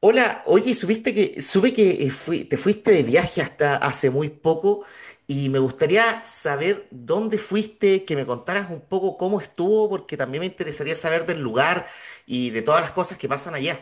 Hola, oye, supe que te fuiste de viaje hasta hace muy poco y me gustaría saber dónde fuiste, que me contaras un poco cómo estuvo, porque también me interesaría saber del lugar y de todas las cosas que pasan allá.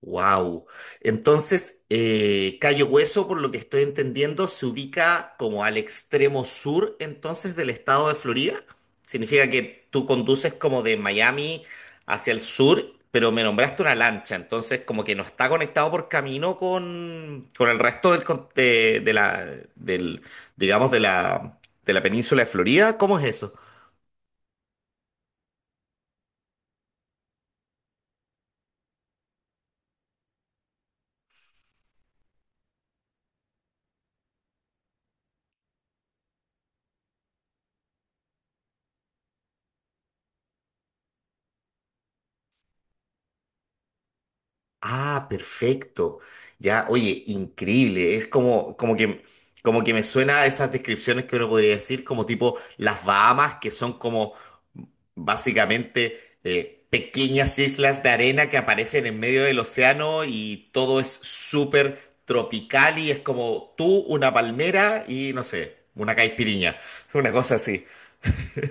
Wow. Entonces, Cayo Hueso, por lo que estoy entendiendo, se ubica como al extremo sur entonces del estado de Florida. Significa que tú conduces como de Miami hacia el sur, pero me nombraste una lancha, entonces como que no está conectado por camino con el resto del, con- de la, del, digamos, de la península de Florida. ¿Cómo es eso? Ah, perfecto. Ya, oye, increíble. Es como que me suena a esas descripciones que uno podría decir, como tipo las Bahamas, que son como básicamente pequeñas islas de arena que aparecen en medio del océano y todo es súper tropical y es como tú, una palmera y no sé, una caipiriña, una cosa así.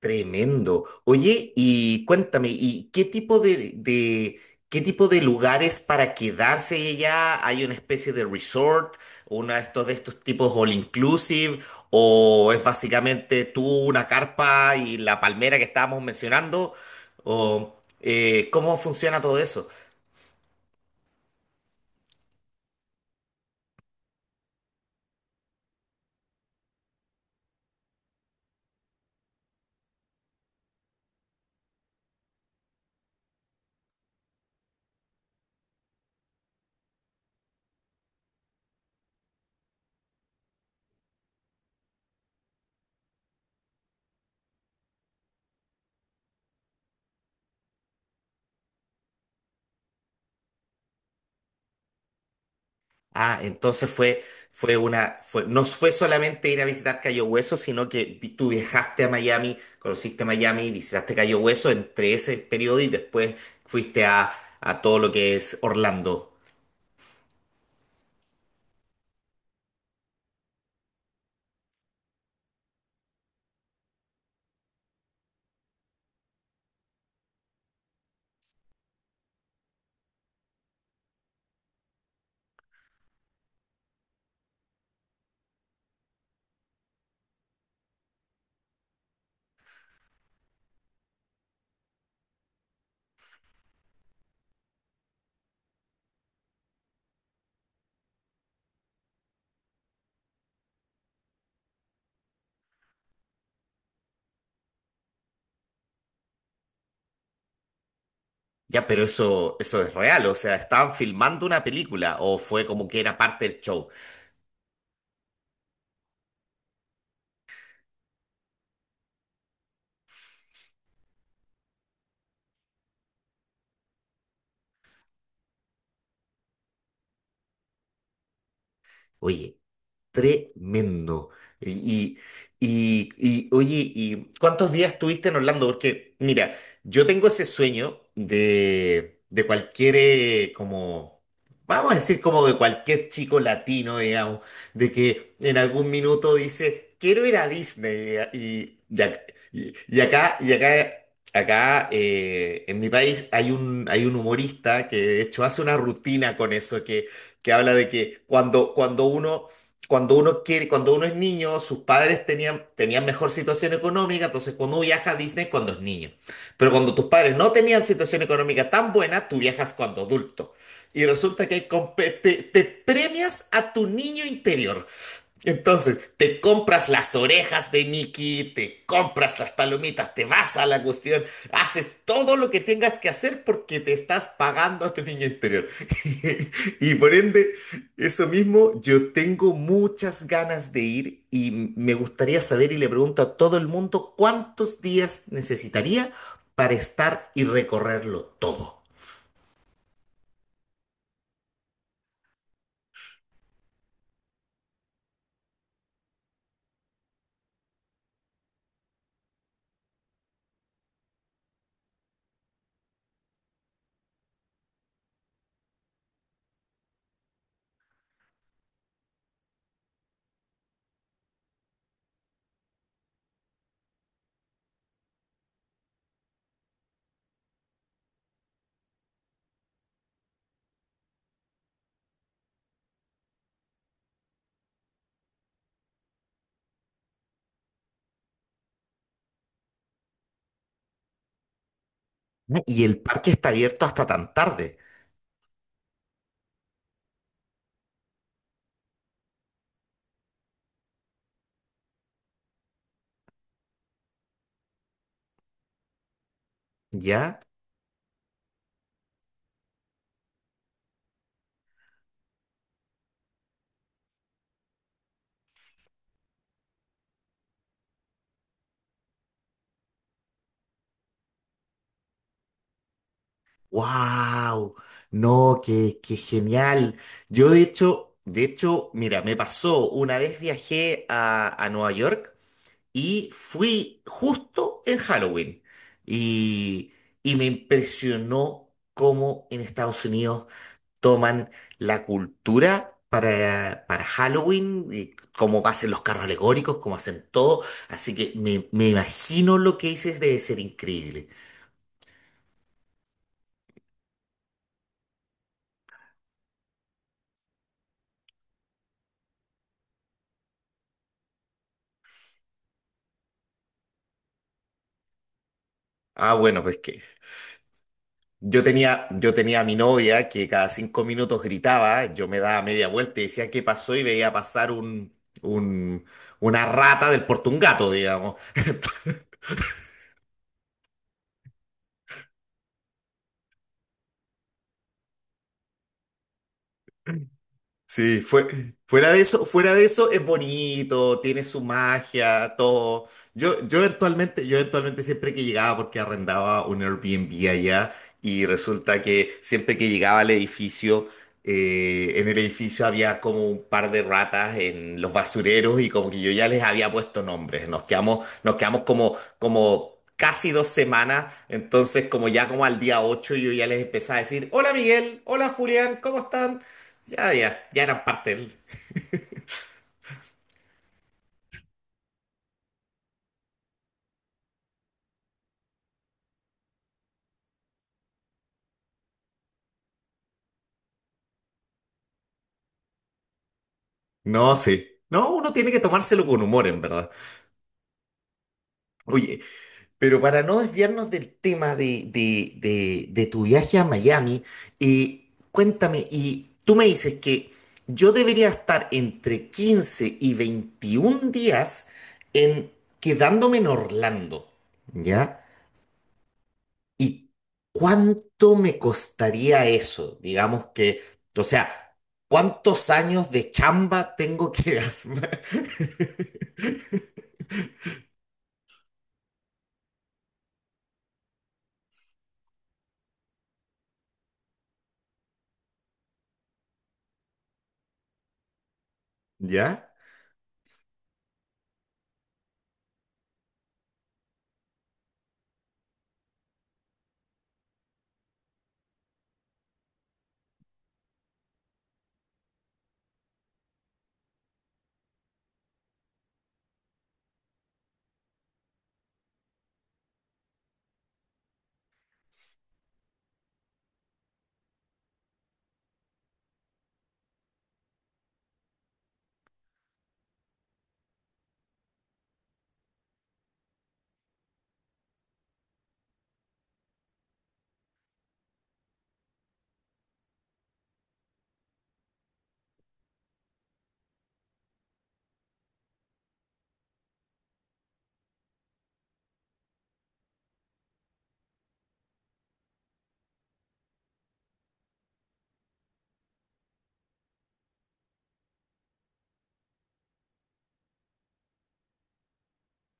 Tremendo. Oye, y cuéntame, ¿y qué tipo qué tipo de lugares para quedarse allá? ¿Hay una especie de resort, uno de estos tipos all inclusive, o es básicamente tú una carpa y la palmera que estábamos mencionando? ¿O cómo funciona todo eso? Ah, no fue solamente ir a visitar Cayo Hueso, sino que tú viajaste a Miami, conociste Miami, visitaste Cayo Hueso entre ese periodo y después fuiste a todo lo que es Orlando. Ya, pero eso es real, o sea, ¿estaban filmando una película o fue como que era parte del show? Oye. Tremendo. Y, oye, ¿y cuántos días estuviste en Orlando? Porque, mira, yo tengo ese sueño de cualquier, vamos a decir, como de cualquier chico latino, digamos, de que en algún minuto dice, quiero ir a Disney. Y acá, acá en mi país hay un humorista que de hecho hace una rutina con eso, que habla de que cuando uno quiere, cuando uno es niño, sus padres tenían, tenían mejor situación económica, entonces cuando uno viaja a Disney cuando es niño. Pero cuando tus padres no tenían situación económica tan buena, tú viajas cuando adulto. Y resulta que hay te premias a tu niño interior. Entonces, te compras las orejas de Mickey, te compras las palomitas, te vas a la cuestión, haces todo lo que tengas que hacer porque te estás pagando a tu niño interior. Y por ende, eso mismo, yo tengo muchas ganas de ir y me gustaría saber y le pregunto a todo el mundo cuántos días necesitaría para estar y recorrerlo todo. ¿Y el parque está abierto hasta tan tarde, ya? ¡Wow! No, qué, qué genial. Yo de hecho, mira, me pasó, una vez viajé a Nueva York y fui justo en Halloween y, y me impresionó cómo en Estados Unidos toman la cultura para Halloween, y cómo hacen los carros alegóricos, cómo hacen todo. Así que me imagino lo que dices debe ser increíble. Ah, bueno, pues que... yo tenía a mi novia que cada 5 minutos gritaba, yo me daba media vuelta y decía qué pasó y veía pasar un- una rata del porte un gato, digamos. Sí, fuera de eso es bonito, tiene su magia, todo. Yo eventualmente siempre que llegaba, porque arrendaba un Airbnb allá, y resulta que siempre que llegaba al edificio en el edificio había como un par de ratas en los basureros y como que yo ya les había puesto nombres. Nos quedamos como casi 2 semanas. Entonces, como ya como al día 8 yo ya les empecé a decir, hola Miguel, hola Julián, ¿cómo están? Ya eran parte del... No, sí. No, uno tiene que tomárselo con humor, en verdad. Oye, pero para no desviarnos del tema de tu viaje a Miami, cuéntame, y tú me dices que yo debería estar entre 15 y 21 días en quedándome en Orlando, ¿ya? ¿Y cuánto me costaría eso? Digamos que, o sea, ¿cuántos años de chamba tengo que hacer? ¿Ya?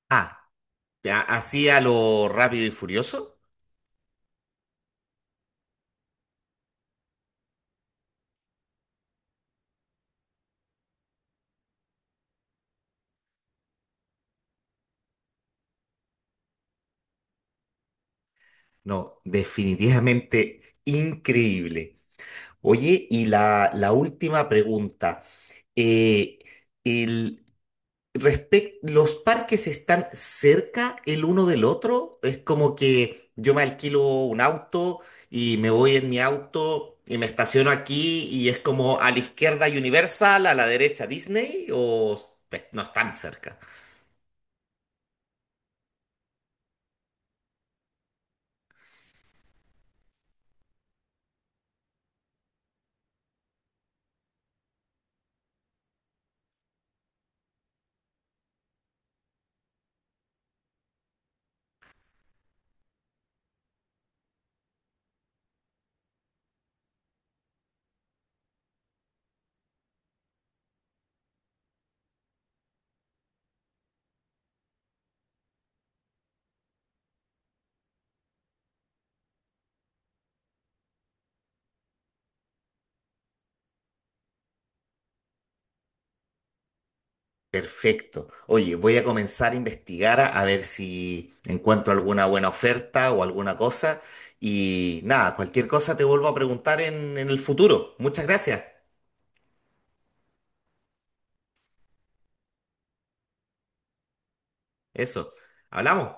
Ah, ya, así a lo rápido y furioso. No, definitivamente increíble. Oye, y la última pregunta. Eh, el, ¿Los parques están cerca el uno del otro? Es como que yo me alquilo un auto y me voy en mi auto y me estaciono aquí y es como a la izquierda Universal, a la derecha Disney o pues, no están cerca. Perfecto. Oye, voy a comenzar a investigar a ver si encuentro alguna buena oferta o alguna cosa. Y nada, cualquier cosa te vuelvo a preguntar en el futuro. Muchas gracias. Eso. Hablamos.